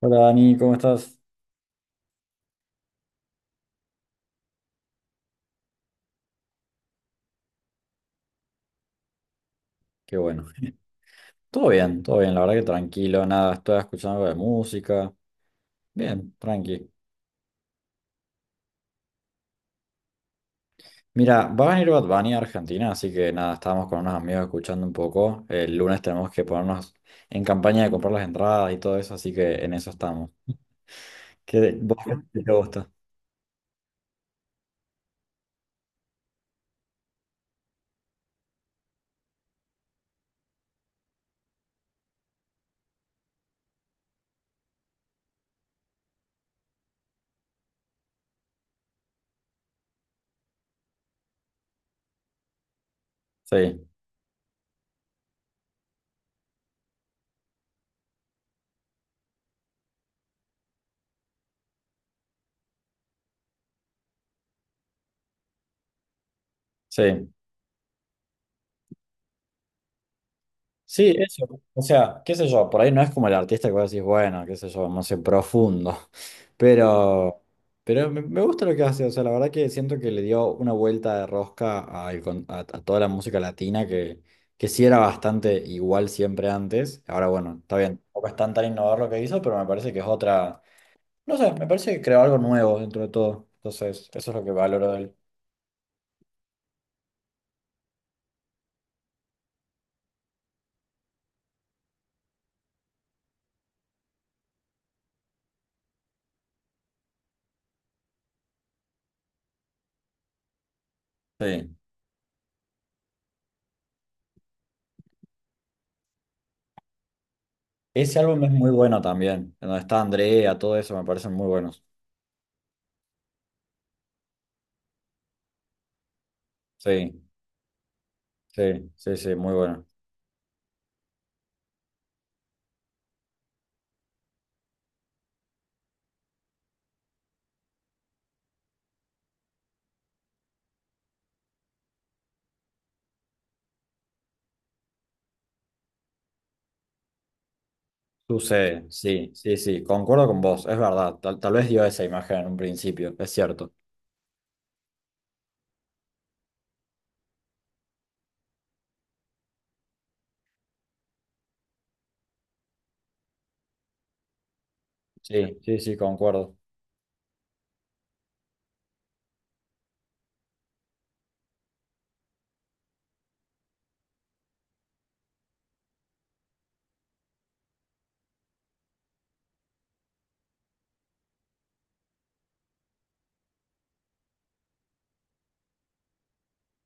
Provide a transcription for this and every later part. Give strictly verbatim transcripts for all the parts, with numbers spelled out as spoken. Hola Dani, ¿cómo estás? Qué bueno. Todo bien, todo bien, la verdad que tranquilo, nada, estoy escuchando algo de música. Bien, tranqui. Mira, va a venir Bad Bunny a Argentina, así que nada, estábamos con unos amigos escuchando un poco. El lunes tenemos que ponernos en campaña de comprar las entradas y todo eso, así que en eso estamos. ¿Qué, vos qué te gusta? Sí, sí. Sí, eso. O sea, qué sé yo, por ahí no es como el artista que vos decís, bueno, qué sé yo, no sé, profundo. Pero, pero me, me gusta lo que hace. O sea, la verdad que siento que le dio una vuelta de rosca al con- a, a toda la música latina que, que sí era bastante igual siempre antes. Ahora, bueno, está bien, tampoco es tan tan innovador lo que hizo, pero me parece que es otra. No sé, me parece que creó algo nuevo dentro de todo. Entonces, eso es lo que valoro de él. Sí. Ese álbum es muy bueno también. En Donde está Andrea, todo eso me parecen muy buenos. Sí. Sí, sí, sí, muy bueno. Sucede, sí, sí, sí, concuerdo con vos, es verdad, tal, tal vez dio esa imagen en un principio, es cierto. Sí, sí, sí, concuerdo.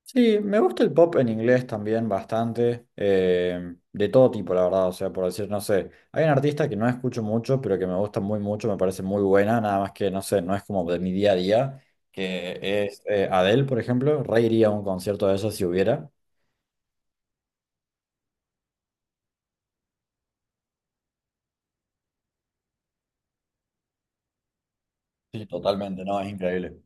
Sí, me gusta el pop en inglés también bastante, eh, de todo tipo, la verdad, o sea, por decir, no sé, hay un artista que no escucho mucho, pero que me gusta muy mucho, me parece muy buena, nada más que, no sé, no es como de mi día a día, que es eh, Adele, por ejemplo, reiría a un concierto de eso si hubiera. Sí, totalmente, no, es increíble.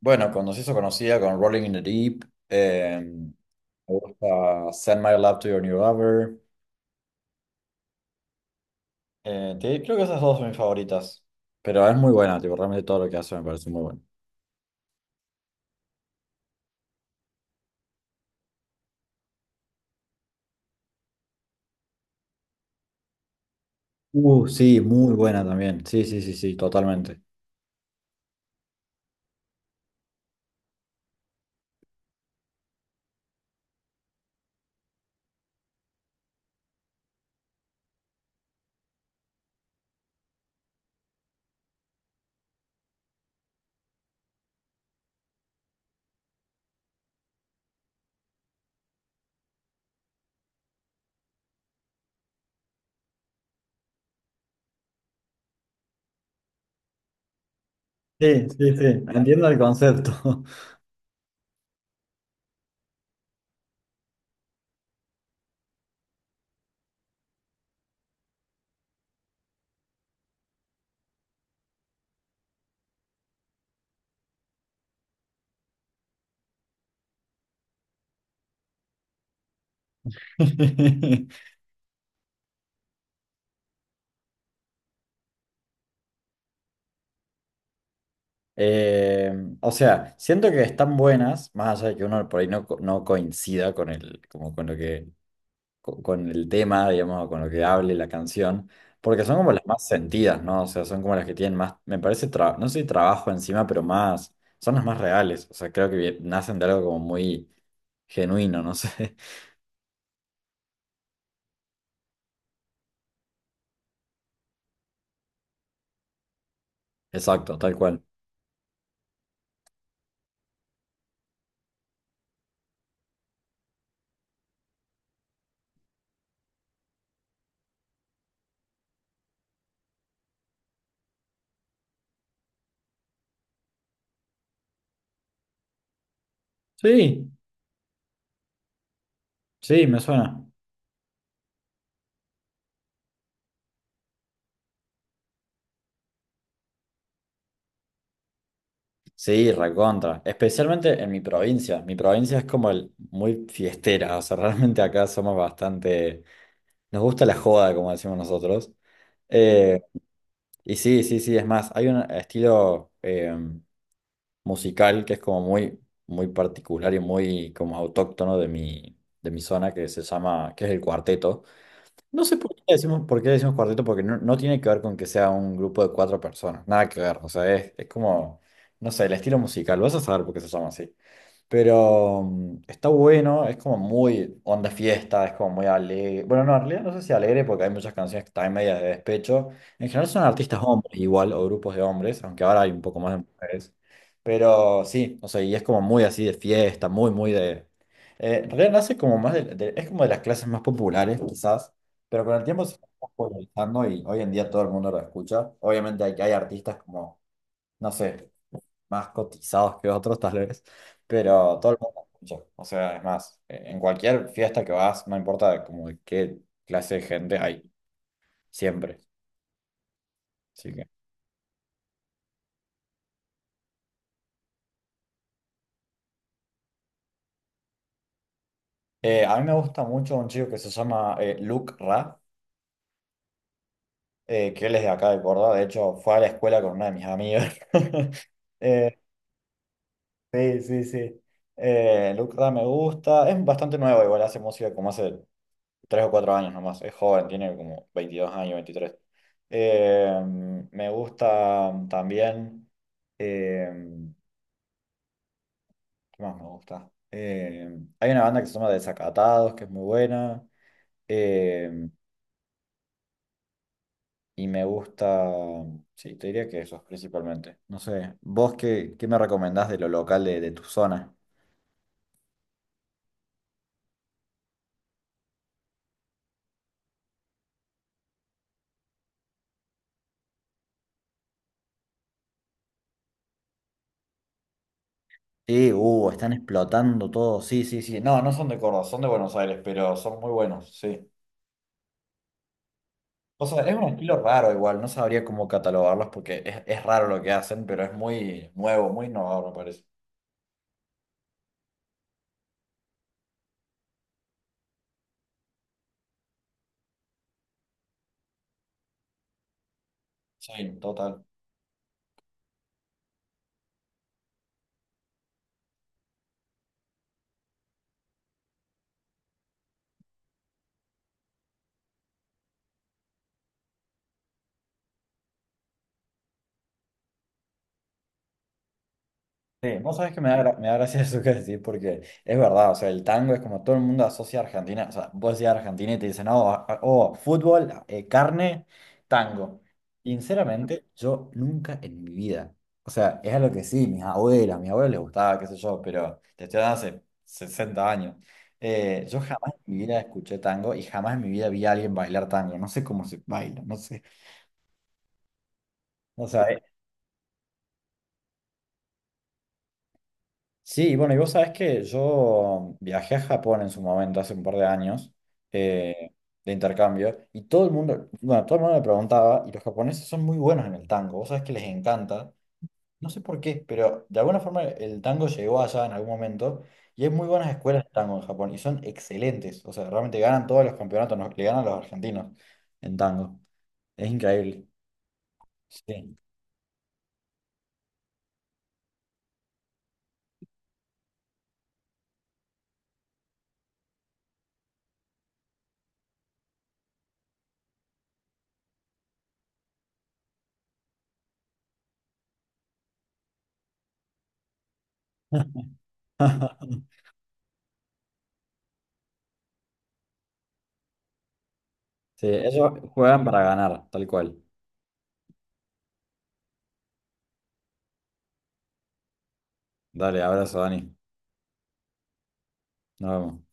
Bueno, cuando se hizo conocida con Rolling in the Deep, eh, me gusta Send My Love to Your New Lover. Eh, te- creo que esas dos son mis favoritas. Pero es muy buena, tipo, realmente todo lo que hace me parece muy bueno. Uh, sí, muy buena también. Sí, sí, sí, sí, totalmente. Sí, sí, sí, entiendo el concepto. Eh, o sea, siento que están buenas, más allá de que uno por ahí no, co- no coincida con el, como con lo que co- con el tema, digamos, o con lo que hable la canción, porque son como las más sentidas, ¿no? O sea, son como las que tienen más, me parece, tra- no sé si trabajo encima, pero más, son las más reales, o sea, creo que vie- nacen de algo como muy genuino, no sé, exacto, tal cual. Sí, sí, me suena. Sí, recontra, especialmente en mi provincia, mi provincia es como el, muy fiestera, o sea, realmente acá somos bastante, nos gusta la joda, como decimos nosotros. Eh, Y sí, sí, sí, es más, hay un estilo eh, musical que es como muy, muy particular y muy como autóctono de mi, de mi zona que se llama, que es el cuarteto. No sé por qué le decimos, por qué le decimos cuarteto, porque no, no tiene que ver con que sea un grupo de cuatro personas, nada que ver, o sea, es, es como, no sé, el estilo musical, vas a saber por qué se llama así. Pero mm, está bueno, es como muy onda fiesta, es como muy alegre. Bueno, no, en realidad no sé si alegre porque hay muchas canciones que están medias de despecho. En general son artistas hombres igual o grupos de hombres, aunque ahora hay un poco más de mujeres. Pero sí, o sea, y es como muy así de fiesta, muy, muy de eh, en realidad nace como más de, de- es como de las clases más populares quizás, pero con el tiempo se está popularizando y hoy en día todo el mundo lo escucha. Obviamente hay, hay artistas como, no sé más cotizados que otros tal vez, pero todo el mundo escucha. O sea, es más, eh, en cualquier fiesta que vas, no importa como de qué clase de gente hay, siempre. Así que, eh, a mí me gusta mucho un chico que se llama eh, Luke Ra, eh, que él es de acá de Córdoba, de hecho fue a la escuela con una de mis amigas. Eh, sí, sí, sí. Eh, Luke Ra me gusta, es bastante nuevo, igual hace música como hace tres o cuatro años nomás, es joven, tiene como veintidós años, veintitrés. Eh, me gusta también, eh, ¿qué más me gusta? Eh, hay una banda que se llama Desacatados, que es muy buena, eh, y me gusta, sí, te diría que esos principalmente. No sé, ¿vos qué, qué me recomendás de lo local de, de tu zona? Sí, uh, están explotando todo, sí, sí, sí. No, no son de Córdoba, son de Buenos Aires, pero son muy buenos, sí. O sea, es un estilo raro igual, no sabría cómo catalogarlos porque es, es raro lo que hacen, pero es muy nuevo, muy innovador, me parece. Sí, total. Sí, vos sabés que me da, gra- me da gracia eso que decís, porque es verdad, o sea, el tango es como todo el mundo asocia a Argentina, o sea, vos decís Argentina y te dicen, oh, a- oh, fútbol, eh, carne, tango. Sinceramente, yo nunca en mi vida, o sea, es algo que sí, mis abuelas, a mis abuelos les gustaba, qué sé yo, pero te estoy hablando hace sesenta años. Eh, yo jamás en mi vida escuché tango y jamás en mi vida vi a alguien bailar tango, no sé cómo se baila, no sé. O sea, sí, bueno, y vos sabés que yo viajé a Japón en su momento, hace un par de años, eh, de intercambio, y todo el mundo, bueno, todo el mundo me preguntaba, y los japoneses son muy buenos en el tango, vos sabés que les encanta, no sé por qué, pero de alguna forma el tango llegó allá en algún momento, y hay muy buenas escuelas de tango en Japón, y son excelentes, o sea, realmente ganan todos los campeonatos, nos- le ganan a los argentinos en tango, es increíble, sí. Sí, ellos juegan para ganar, tal cual. Dale, abrazo, Dani. Nos vemos.